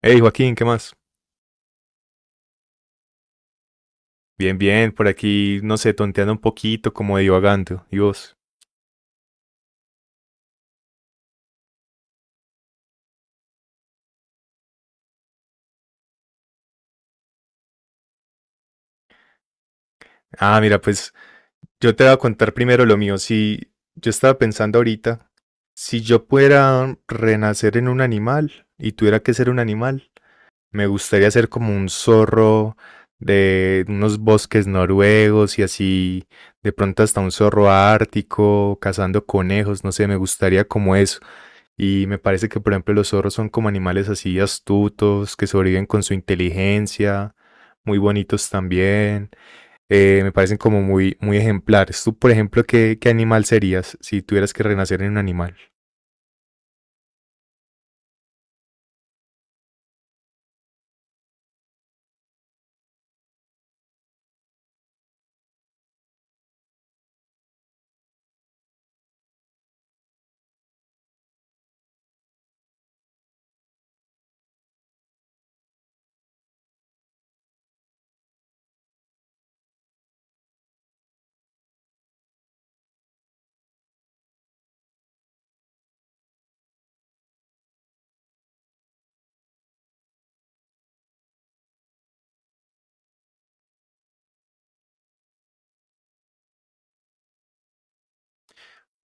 Hey Joaquín, ¿qué más? Bien, bien, por aquí, no sé, tonteando un poquito, como divagando. ¿Y vos? Ah, mira, pues yo te voy a contar primero lo mío. Si yo estaba pensando ahorita, si yo pudiera renacer en un animal y tuviera que ser un animal, me gustaría ser como un zorro de unos bosques noruegos y así, de pronto hasta un zorro ártico, cazando conejos, no sé, me gustaría como eso. Y me parece que, por ejemplo, los zorros son como animales así astutos, que sobreviven con su inteligencia, muy bonitos también. Me parecen como muy, muy ejemplares. Tú, por ejemplo, ¿qué animal serías si tuvieras que renacer en un animal?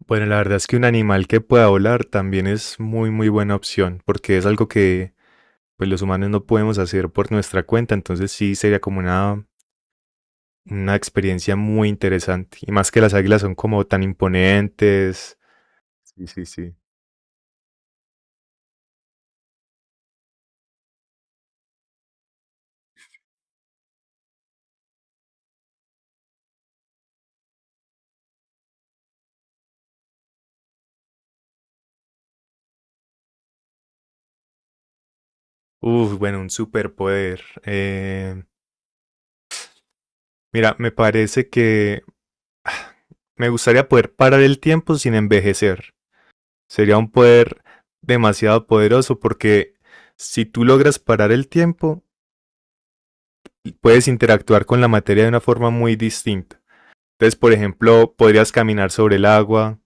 Bueno, la verdad es que un animal que pueda volar también es muy, muy buena opción, porque es algo que pues, los humanos no podemos hacer por nuestra cuenta. Entonces sí sería como una experiencia muy interesante. Y más que las águilas son como tan imponentes. Sí, sí, sí. Uf, bueno, un superpoder. Mira, me parece que me gustaría poder parar el tiempo sin envejecer. Sería un poder demasiado poderoso porque si tú logras parar el tiempo, puedes interactuar con la materia de una forma muy distinta. Entonces, por ejemplo, podrías caminar sobre el agua,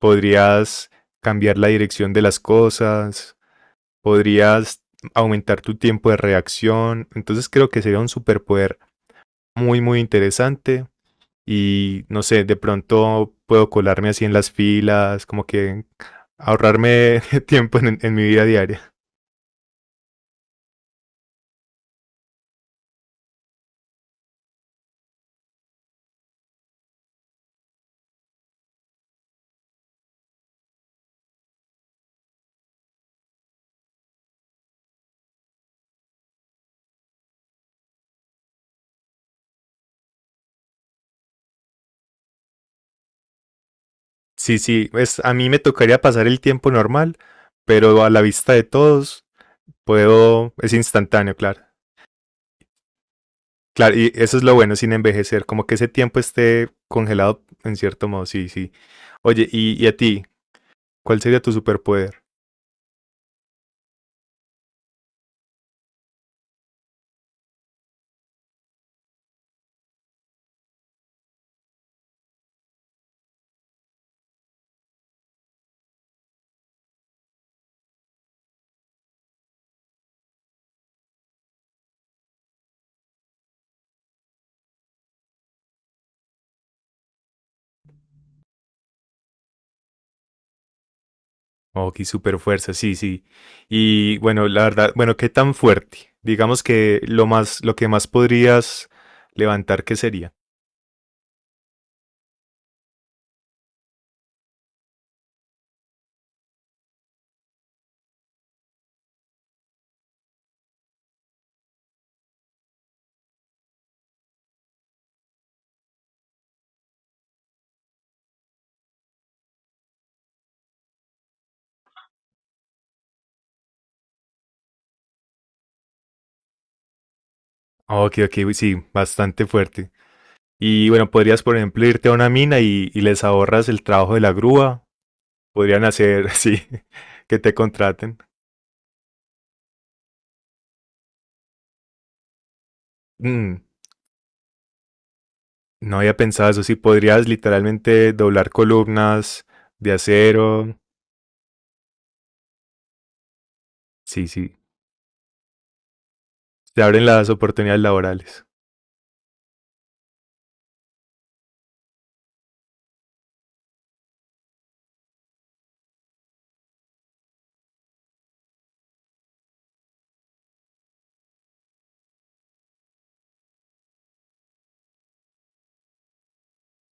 podrías cambiar la dirección de las cosas, podrías aumentar tu tiempo de reacción. Entonces creo que sería un superpoder muy, muy interesante. Y no sé, de pronto puedo colarme así en las filas, como que ahorrarme tiempo en mi vida diaria. Sí, sí, a mí me tocaría pasar el tiempo normal, pero a la vista de todos puedo, es instantáneo, claro. Claro, y eso es lo bueno sin envejecer, como que ese tiempo esté congelado en cierto modo, sí, sí. Oye, y a ti, ¿cuál sería tu superpoder? Ok, super fuerza, sí, sí. Y bueno, la verdad, bueno, ¿qué tan fuerte? Digamos que lo que más podrías levantar, ¿qué sería? Ok, ok, sí, bastante fuerte. Y bueno, podrías, por ejemplo, irte a una mina y les ahorras el trabajo de la grúa. Podrían hacer, sí, que te contraten. Mm, no había pensado eso, sí, podrías literalmente doblar columnas de acero. Sí, sí, te abren las oportunidades laborales.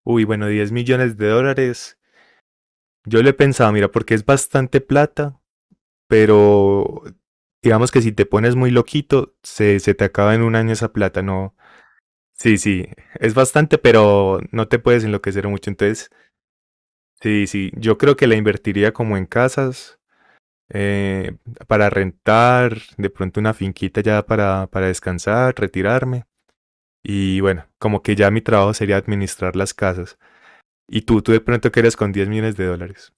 Uy, bueno, 10 millones de dólares. Yo le pensaba, mira, porque es bastante plata, pero digamos que si te pones muy loquito, se te acaba en un año esa plata, no. Sí, sí, es bastante, pero no te puedes enloquecer mucho. Entonces, sí, sí, yo creo que la invertiría como en casas, eh, para rentar, de pronto una finquita ya para descansar, retirarme. Y bueno, como que ya mi trabajo sería administrar las casas. Y tú de pronto qué eres con 10 millones de dólares.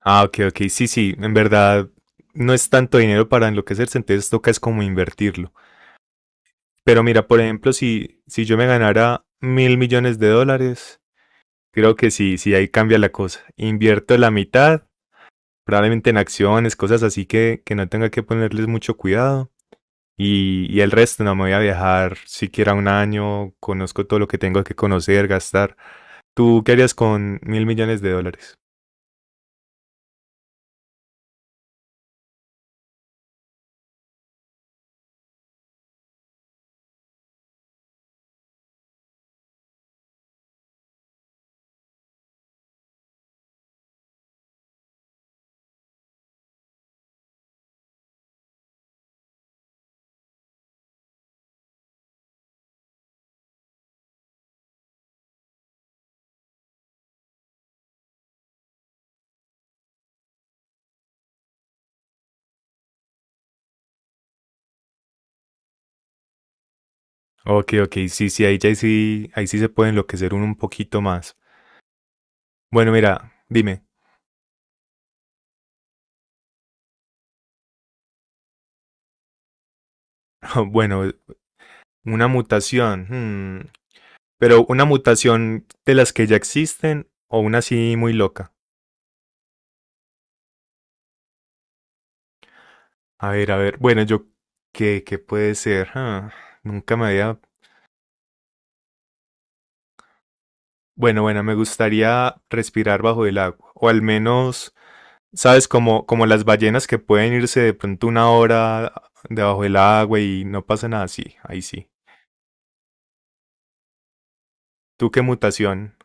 Ah, ok, ok. Sí, sí, en verdad no es tanto dinero para enloquecerse, entonces toca es como invertirlo. Pero mira, por ejemplo, si yo me ganara 1000 millones de dólares, creo que sí, sí, ahí cambia la cosa. Invierto la mitad, probablemente en acciones, cosas así que no tenga que ponerles mucho cuidado. Y el resto no me voy a viajar siquiera un año, conozco todo lo que tengo que conocer, gastar. ¿Tú qué harías con 1000 millones de dólares? Ok, ok, sí, sí, ahí ya sí, ahí sí se puede enloquecer uno un poquito más. Bueno, mira, dime. Bueno, una mutación. Pero una mutación de las que ya existen o una así muy loca. A ver, a ver. Bueno, yo... ¿Qué puede ser? Ah, nunca me había... Bueno, bueno, me gustaría respirar bajo el agua. O al menos, ¿sabes? Como las ballenas que pueden irse de pronto una hora debajo del agua y no pasa nada. Sí, ahí sí. ¿Tú qué mutación?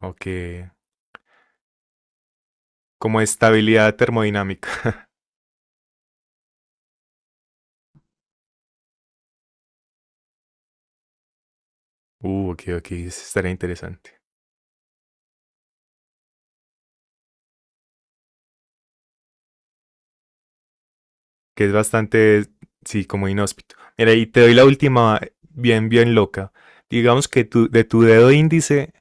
O qué... Como estabilidad termodinámica. Ok, ok. Estaría interesante. Que es bastante, sí, como inhóspito. Mira, y te doy la última bien, bien loca. Digamos que de tu dedo índice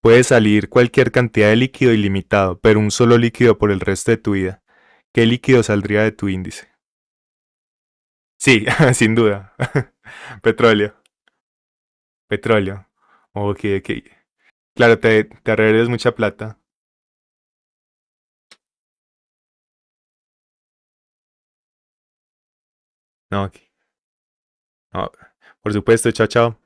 puede salir cualquier cantidad de líquido ilimitado, pero un solo líquido por el resto de tu vida. ¿Qué líquido saldría de tu índice? Sí, sin duda. Petróleo, petróleo. Ok, ok. Claro, te arreglas mucha plata. No, ok. No. Por supuesto, chao, chao.